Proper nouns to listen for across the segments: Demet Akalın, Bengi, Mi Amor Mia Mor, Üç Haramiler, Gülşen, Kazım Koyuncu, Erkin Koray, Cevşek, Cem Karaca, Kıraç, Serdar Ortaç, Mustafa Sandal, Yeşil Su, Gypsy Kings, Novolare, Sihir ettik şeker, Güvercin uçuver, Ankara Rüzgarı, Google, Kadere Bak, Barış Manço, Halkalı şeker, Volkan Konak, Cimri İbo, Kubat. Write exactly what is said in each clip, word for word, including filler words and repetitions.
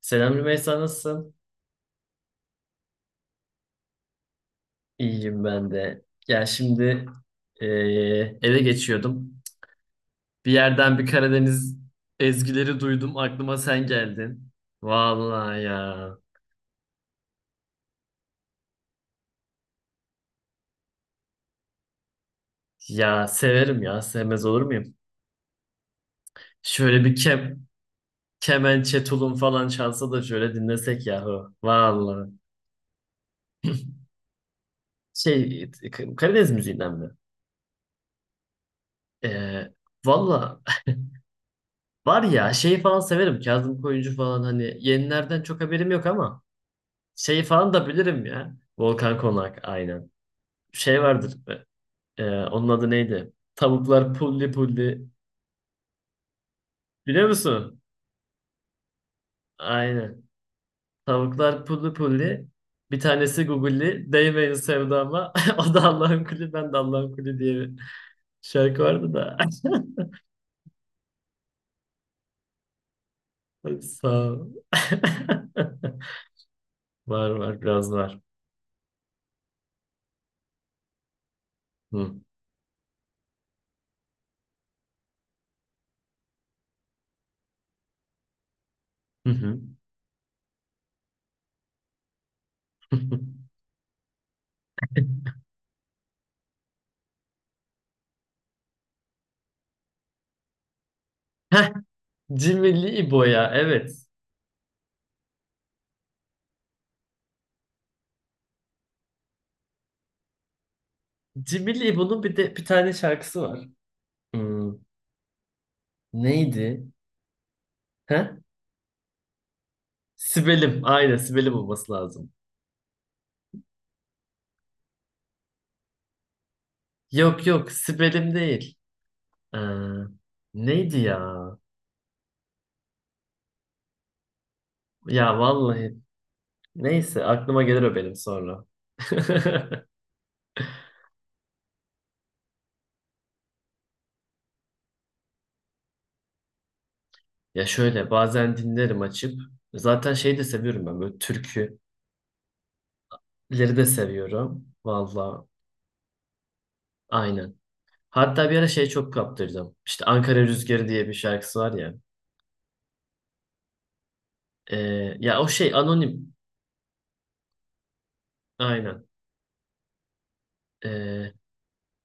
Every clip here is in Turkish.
Selam Rümeysa, nasılsın? İyiyim ben de. Ya şimdi eee, eve geçiyordum. Bir yerden bir Karadeniz ezgileri duydum. Aklıma sen geldin. Vallahi ya. Ya severim ya. Sevmez olur muyum? Şöyle bir kem, Kemençe, tulum falan çalsa da şöyle dinlesek yahu. Vallahi. Şey, Karadeniz müziğinden mi? Eee Valla, var ya şey falan severim. Kazım Koyuncu falan, hani yenilerden çok haberim yok ama. Şeyi falan da bilirim ya. Volkan Konak, aynen. Şey vardır. E, e, onun adı neydi? Tavuklar pulli pulli. Biliyor musun? Aynen. Tavuklar pulli pulli. Bir tanesi Google'li. Değmeyin sevdama. O da Allah'ın kulü, ben de Allah'ın kulü diye bir şarkı vardı da. Sağ ol. Var var, biraz var. Hı. Hı hı. Heh, Cimri İbo ya, evet. Cimri İbo'nun bir de bir tane şarkısı var. Hmm. Neydi? He? Sibelim. Aynen, Sibelim olması lazım. Yok yok, Sibelim değil. Ee, Neydi ya? Ya vallahi, neyse aklıma gelir o benim sonra. Ya şöyle bazen dinlerim açıp. Zaten şey de seviyorum, ben böyle türküleri de seviyorum. Valla, aynen. Hatta bir ara şey çok kaptırdım. İşte Ankara Rüzgarı diye bir şarkısı var ya. Ee, Ya o şey anonim. Aynen. Ee,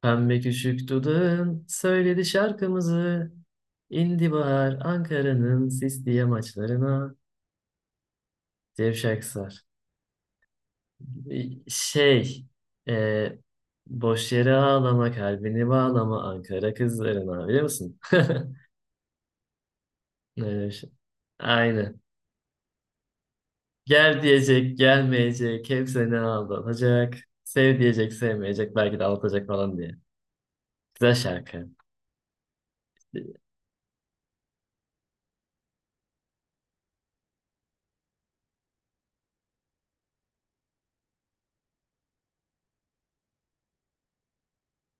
Pembe küçük dudağın söyledi şarkımızı. İndi bahar Ankara'nın sisli yamaçlarına. Cevşek sar. E, Şey, e, boş yere ağlama, kalbini bağlama Ankara kızlarına, biliyor musun? Öyle bir şey. Aynen. Gel diyecek, gelmeyecek, hep seni aldatacak. Sev diyecek, sevmeyecek, belki de aldatacak falan diye. Güzel şarkı. E,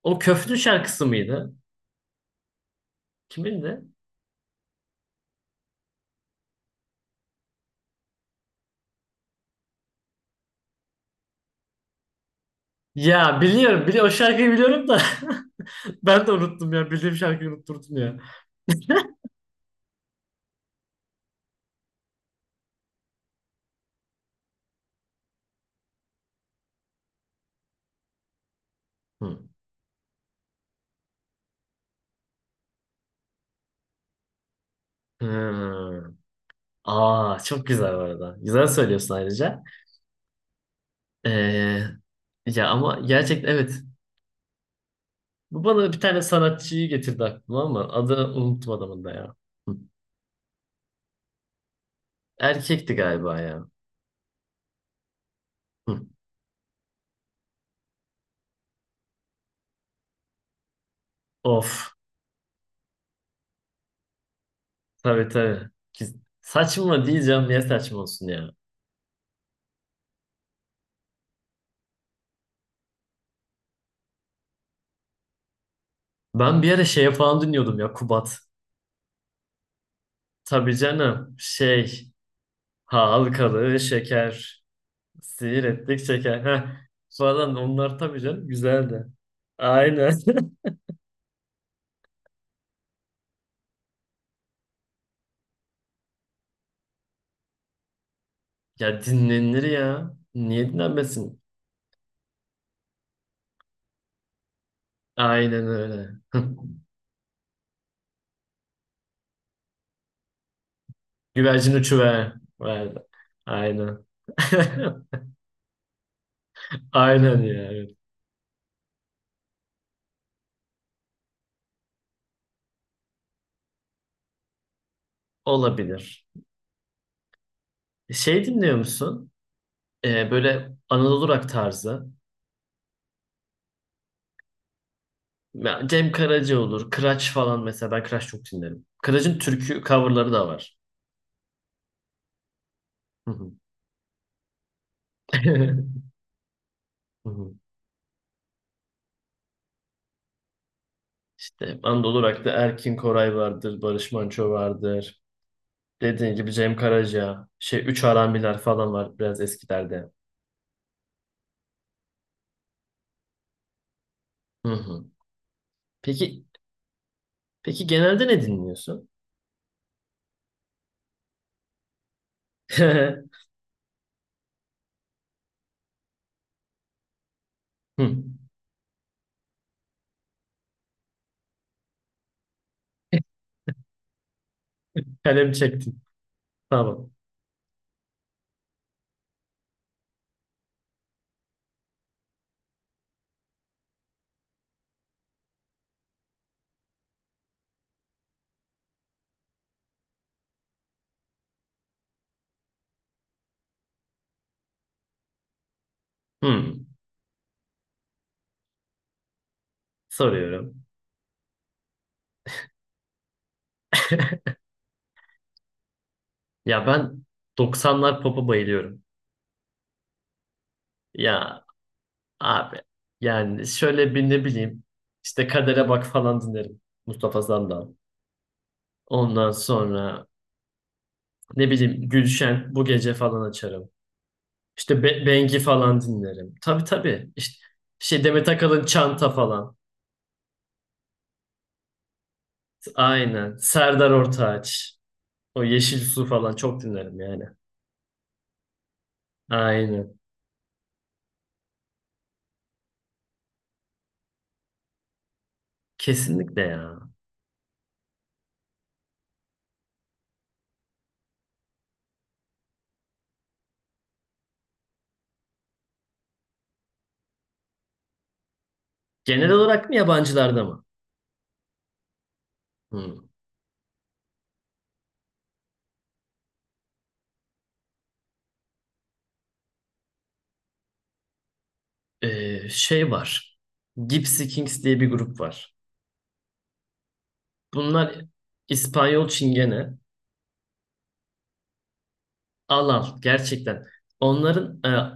O Köflü şarkısı mıydı? Kimin de? Ya biliyorum, bili o şarkıyı biliyorum da ben de unuttum ya. Bildiğim şarkıyı unutturdun ya. Hı. Hmm. Aa, çok güzel bu arada. Güzel söylüyorsun ayrıca. Ee, Ya ama gerçekten evet. Bu bana bir tane sanatçıyı getirdi aklıma ama adını unuttum adamın da ya. Hı. Erkekti galiba ya. Hı. Of. Tabii tabii. Ki- Saçma diyeceğim. Niye saçma olsun ya? Ben bir ara şeye falan dinliyordum ya, Kubat. Tabii canım. Şey. Halkalı şeker. Sihir ettik şeker. Heh. Falan onlar tabii canım güzeldi. Aynen. Ya dinlenir ya. Niye dinlenmesin? Aynen öyle. Güvercin uçuver. Verdi. Aynen. Aynen ya. Evet. Olabilir. Şey dinliyor musun? Ee, böyle Anadolu rock tarzı. Ya Cem Karaca olur. Kıraç falan mesela. Ben Kıraç çok dinlerim. Kıraç'ın türkü coverları da var. Hı hı. İşte Anadolu Rock'ta Erkin Koray vardır, Barış Manço vardır. Dediğin gibi Cem Karaca, şey Üç Haramiler falan var biraz eskilerde. Hı hı. Peki peki, genelde ne dinliyorsun? Hı. Kalem çektim. Tamam. Hı. Soruyorum. Ya ben doksanlar pop'a bayılıyorum. Ya abi, yani şöyle bir ne bileyim, işte Kadere Bak falan dinlerim. Mustafa Sandal. Ondan sonra ne bileyim, Gülşen bu gece falan açarım. İşte Be- Bengi falan dinlerim. Tabii tabii. İşte şey, Demet Akalın Çanta falan. Aynen. Serdar Ortaç. O Yeşil Su falan çok dinlerim yani. Aynen. Kesinlikle ya. Genel olarak mı, yabancılarda mı? Hmm. Ee, şey var. Gypsy Kings diye bir grup var. Bunlar İspanyol Çingene. Al al gerçekten. Onların e,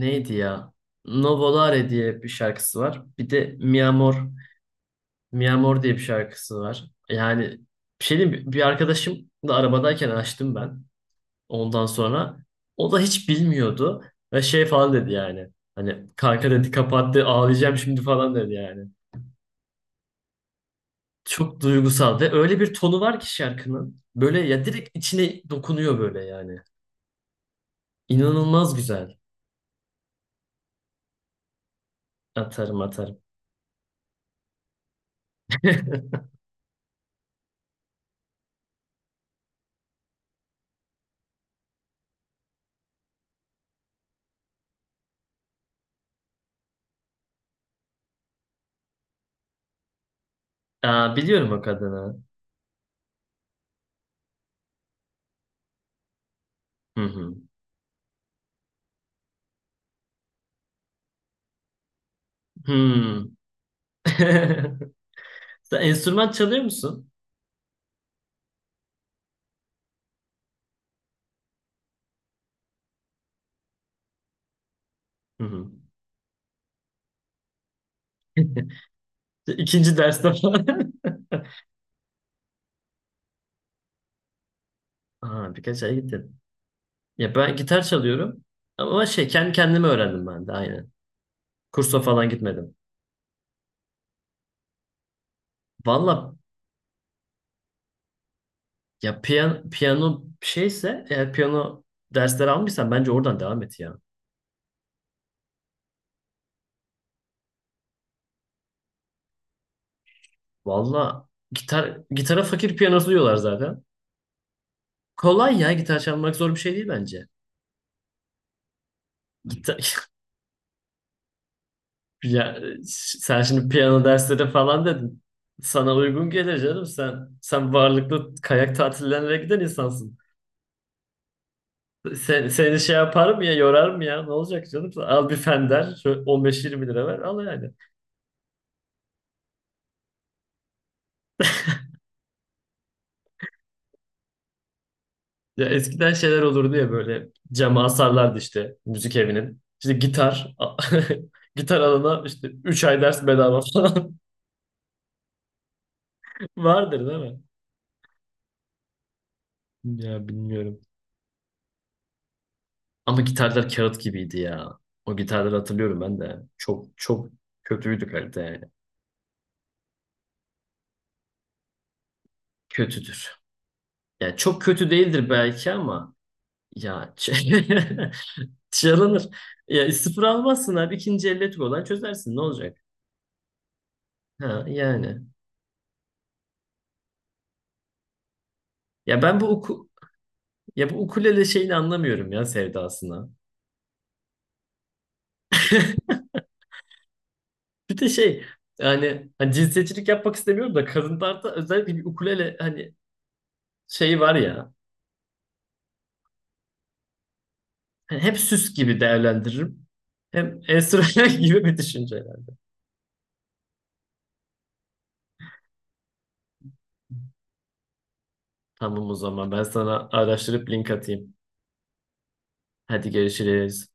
neydi ya? Novolare diye bir şarkısı var. Bir de Mi Amor, Mia Mor diye bir şarkısı var. Yani bir şey diyeyim mi, bir arkadaşım da arabadayken açtım ben. Ondan sonra o da hiç bilmiyordu ve şey falan dedi yani. Hani kanka dedi, kapattı, ağlayacağım şimdi falan dedi yani. Çok duygusal ve öyle bir tonu var ki şarkının. Böyle ya, direkt içine dokunuyor böyle yani. İnanılmaz güzel. Atarım atarım. Aa, biliyorum o kadını. Hı hı. Hmm. Sen enstrüman çalıyor musun? Hı hı. İkinci derste falan. Aa, birkaç ay gittim. Ya ben gitar çalıyorum. Ama şey, kendi kendime öğrendim ben de aynen. Kursa falan gitmedim. Valla ya, piyano, piyano şeyse, eğer piyano dersleri almışsan bence oradan devam et ya. Valla gitar, gitara fakir piyanosu diyorlar zaten. Kolay ya, gitar çalmak zor bir şey değil bence. Gitar, ya, ş- sen şimdi piyano dersleri falan dedin. Sana uygun gelir canım. Sen sen varlıklı kayak tatillerine giden insansın. Sen, seni şey yaparım ya, yorarım ya, ne olacak canım, al bir fender şöyle on beş, yirmi lira ver al yani. Ya eskiden şeyler olurdu ya, böyle cama asarlardı işte müzik evinin. İşte gitar gitar alana işte üç ay ders bedava falan vardır değil mi? Ya bilmiyorum. Ama gitarlar kağıt gibiydi ya. O gitarları hatırlıyorum ben de. Çok çok kötüydü kalite yani. Kötüdür. Yani çok kötü değildir belki ama ya çalınır. Ya sıfır almazsın abi, ikinci elle olan çözersin. Ne olacak? Ha yani. Ya ben bu uku, Ya bu ukulele şeyini anlamıyorum ya, sevdasını. Bir de şey, yani hani cinsiyetçilik yapmak istemiyorum da, kadınlarda özellikle bir ukulele hani şeyi var ya. Hani hep süs gibi değerlendiririm. Hem enstrüman gibi bir düşünce yani. Tamam, o zaman ben sana araştırıp link atayım. Hadi görüşürüz.